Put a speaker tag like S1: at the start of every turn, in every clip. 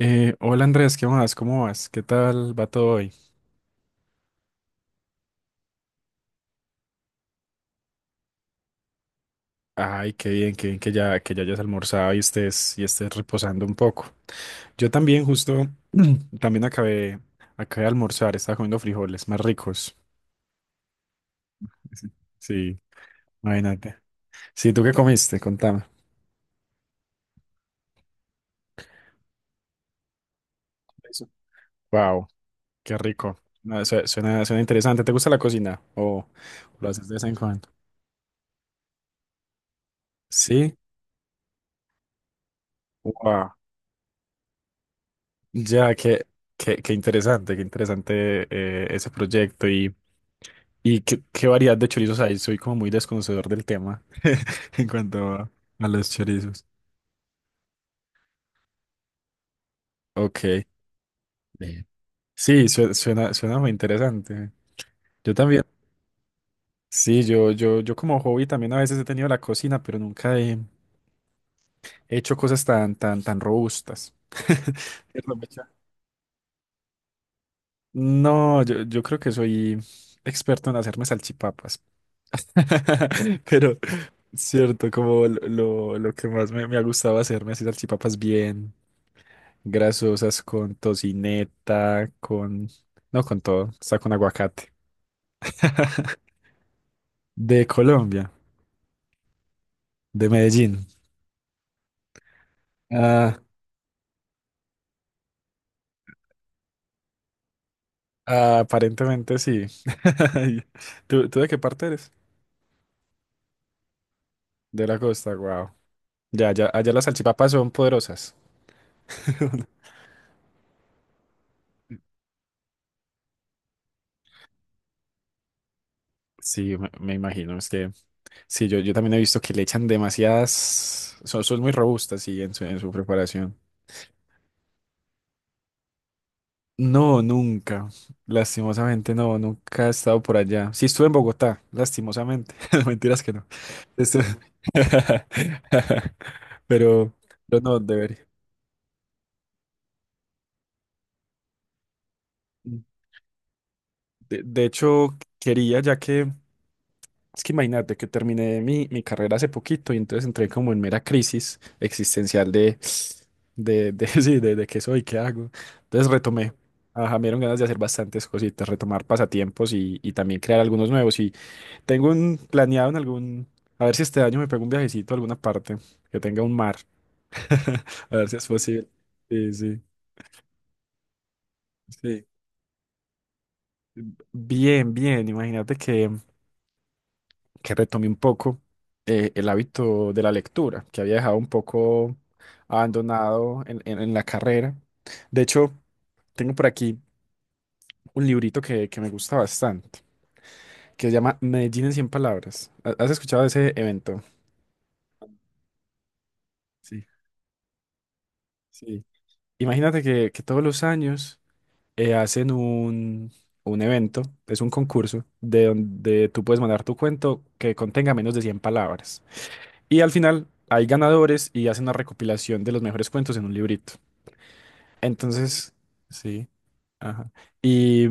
S1: Hola Andrés, ¿qué más? ¿Cómo vas? ¿Qué tal va todo hoy? Ay, qué bien que ya hayas almorzado y estés reposando un poco. Yo también justo, también acabé de almorzar, estaba comiendo frijoles más ricos. Sí, sí, imagínate. Sí, ¿tú qué comiste? Contame. Eso. Wow, qué rico. No, suena, suena interesante. ¿Te gusta la cocina? ¿O lo haces de vez en cuando? Sí. Wow. Ya, qué, qué interesante ese proyecto y qué variedad de chorizos hay. Soy como muy desconocedor del tema en cuanto a los chorizos. Ok. Bien. Sí, suena, suena muy interesante. Yo también. Sí, yo como hobby también a veces he tenido la cocina, pero nunca he he hecho cosas tan robustas. Perdón, Mecha. No, yo creo que soy experto en hacerme salchipapas. Pero, cierto, como lo que más me ha gustado hacerme así salchipapas bien grasosas con tocineta, con... No, con todo, está con aguacate. De Colombia, de Medellín. Ah, aparentemente sí. Ay, ¿tú de qué parte eres? De la costa, wow. Ya, allá las salchipapas son poderosas. Sí, me imagino, es que sí, yo también he visto que le echan demasiadas, son muy robustas sí en en su preparación. No, nunca. Lastimosamente nunca he estado por allá. Sí estuve en Bogotá, lastimosamente. Mentiras que no. Estuve- Pero, pero no, debería. De hecho, quería, ya que es que imagínate que terminé mi carrera hace poquito y entonces entré como en mera crisis existencial sí, de qué soy, qué hago. Entonces retomé. Ajá, me dieron ganas de hacer bastantes cositas, retomar pasatiempos y también crear algunos nuevos. Y tengo un planeado en algún, a ver si este año me pego un viajecito a alguna parte que tenga un mar, a ver si es posible. Sí, sí, sí. Bien, bien, imagínate que retomé un poco el hábito de la lectura, que había dejado un poco abandonado en la carrera. De hecho, tengo por aquí un librito que me gusta bastante, que se llama Medellín en cien palabras. Has escuchado de ese evento? Sí. Sí. Imagínate que todos los años hacen un evento, es un concurso, de donde tú puedes mandar tu cuento que contenga menos de 100 palabras. Y al final hay ganadores y hacen una recopilación de los mejores cuentos en un librito. Entonces, sí. Ajá. Y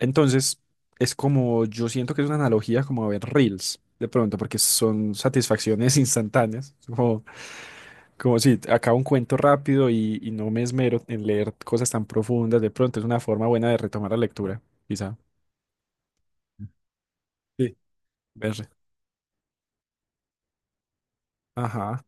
S1: entonces es como, yo siento que es una analogía como a ver reels, de pronto, porque son satisfacciones instantáneas. Como, como si acabo un cuento rápido y no me esmero en leer cosas tan profundas, de pronto es una forma buena de retomar la lectura, quizá. Sí. Ver- Ajá.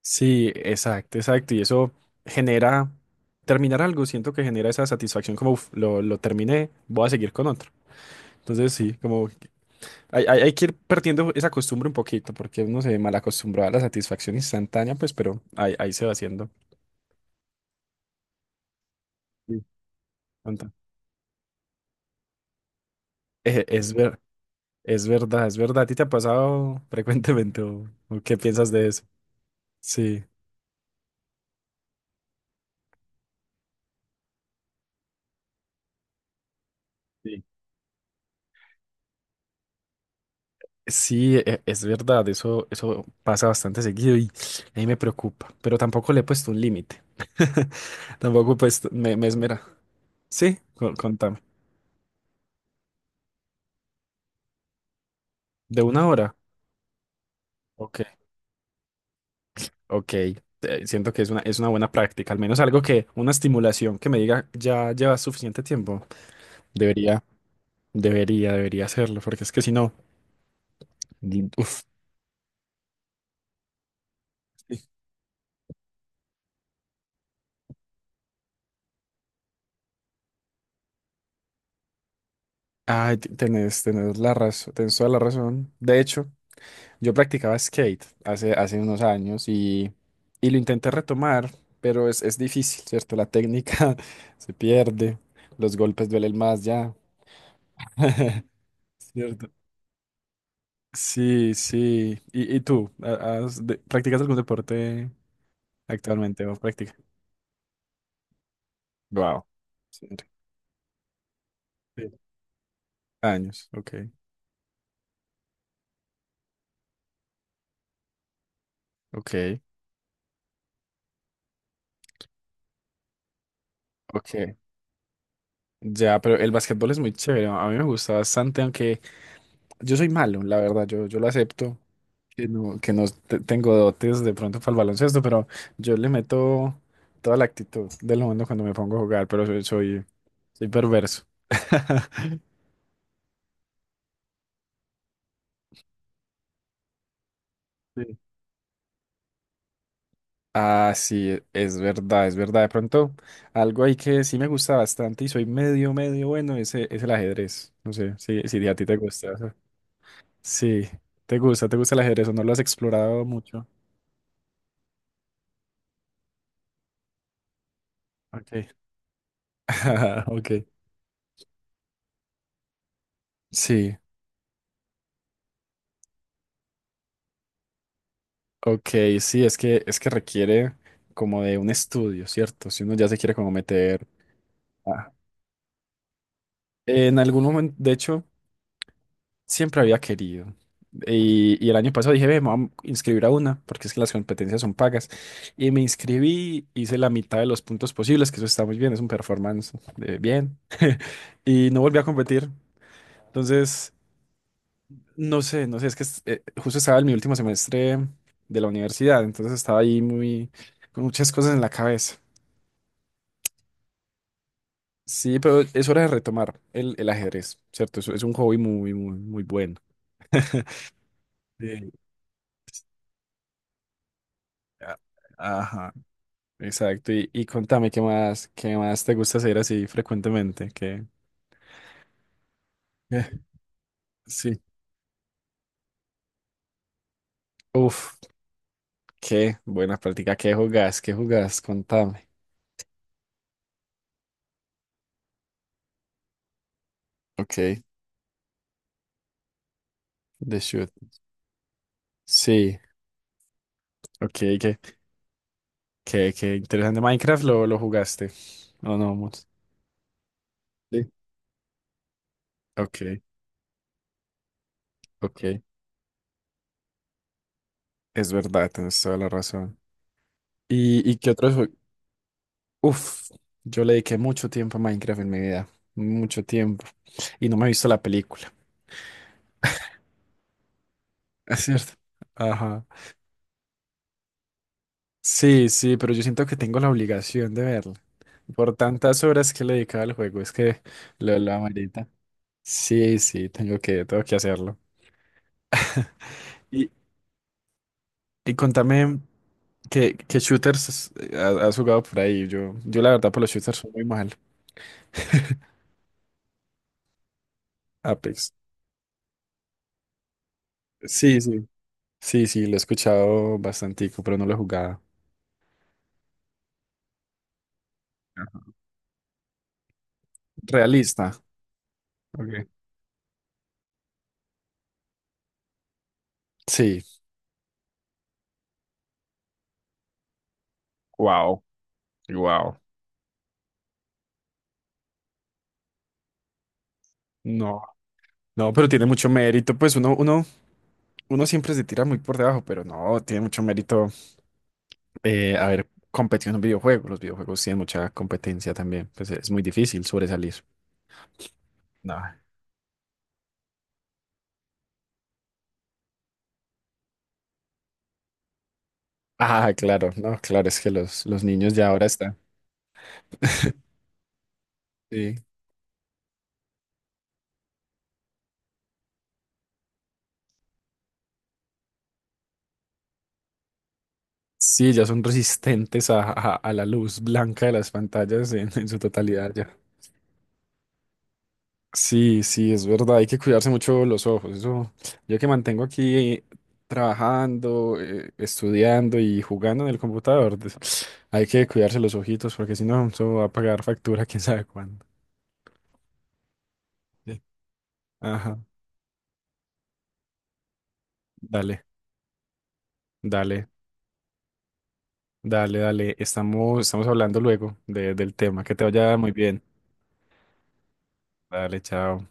S1: Sí, exacto, exacto. Y eso genera, terminar algo, siento que genera esa satisfacción como, "Uf, lo terminé, voy a seguir con otro". Entonces, sí, como hay, hay que ir perdiendo esa costumbre un poquito, porque uno se mal acostumbraba a la satisfacción instantánea, pues, pero ahí se va haciendo. Sí. Tonto. Eh, es ver, es verdad, es verdad. ¿A ti te ha pasado frecuentemente o qué piensas de eso? Sí. Sí. Sí, es verdad, eso pasa bastante seguido y a mí me preocupa, pero tampoco le he puesto un límite. Tampoco pues me esmera. Sí, contame. ¿De una hora? Ok. Ok, siento que es es una buena práctica, al menos algo que, una estimulación que me diga, ya llevas suficiente tiempo. Debería, debería hacerlo, porque es que si no, Di- uff. Ay, tenés, tenés la razón, tenés toda la razón. De hecho, yo practicaba skate hace unos años y lo intenté retomar, pero es difícil, ¿cierto? La técnica se pierde, los golpes duelen más ya, ¿cierto? Sí, sí. Y tú? Practicas algún deporte actualmente o practicas? Wow. Años. Ok, ok, ok. Ya, pero el básquetbol es muy chévere. A mí me gusta bastante, aunque yo soy malo, la verdad. Yo lo acepto, que no te- tengo dotes de pronto para el baloncesto, pero yo le meto toda la actitud del mundo cuando me pongo a jugar, pero soy perverso. Ah, sí, es verdad, es verdad. De pronto, algo ahí que sí me gusta bastante y soy medio bueno es, es el ajedrez. No sé si, si a ti te gusta eso. Sí, te gusta el ajedrez o no lo has explorado mucho. Okay. Ok. Sí, ok, sí, es que requiere como de un estudio, ¿cierto? Si uno ya se quiere como meter ah, en algún momento, de hecho, siempre había querido. Y el año pasado dije, ve, me voy a inscribir a una, porque es que las competencias son pagas. Y me inscribí, hice la mitad de los puntos posibles, que eso está muy bien, es un performance de bien. Y no volví a competir. Entonces, no sé, justo estaba en mi último semestre de la universidad, entonces estaba ahí muy, con muchas cosas en la cabeza. Sí, pero es hora de retomar el ajedrez, ¿cierto? Es un hobby muy bueno. Sí. a- Ajá. Exacto, y contame qué más te gusta hacer así frecuentemente, que sí. Uf, qué buena práctica, qué jugás, contame. Ok, The Shoot. Sí, ok, qué, qué interesante. ¿Minecraft lo jugaste? ¿O no, mucho? Sí. Ok, ok. Es verdad, tienes toda la razón. Y qué otros? Jue- Uf, yo le dediqué mucho tiempo a Minecraft en mi vida, mucho tiempo, y no me he visto la película. Es cierto. Ajá. Sí, sí, pero yo siento que tengo la obligación de verla. Por tantas horas que le dedicaba al juego, es que lo amerita. Sí, sí, tengo que hacerlo. Y, y contame qué shooters has jugado por ahí. Yo la verdad por los shooters soy muy mal. Apex. Sí, sí. Sí, sí, lo he escuchado bastantico, pero no lo he jugado. Ajá. Realista. Okay. Sí. Wow. Wow. No. No, pero tiene mucho mérito, pues uno siempre se tira muy por debajo, pero no, tiene mucho mérito haber competido en un videojuego. Los videojuegos tienen mucha competencia también, pues es muy difícil sobresalir. No. Ah, claro, no, claro, es que los niños ya ahora están. Sí. Sí, ya son resistentes a la luz blanca de las pantallas en su totalidad. Sí, sí, es verdad, hay que cuidarse mucho los ojos. Eso, yo que mantengo aquí trabajando, estudiando y jugando en el computador, des- hay que cuidarse los ojitos porque si no, eso va a pagar factura quién sabe cuándo. Sí. Ajá, dale, dale, dale, dale. Estamos, estamos hablando luego del tema. Que te vaya muy bien. Dale, chao.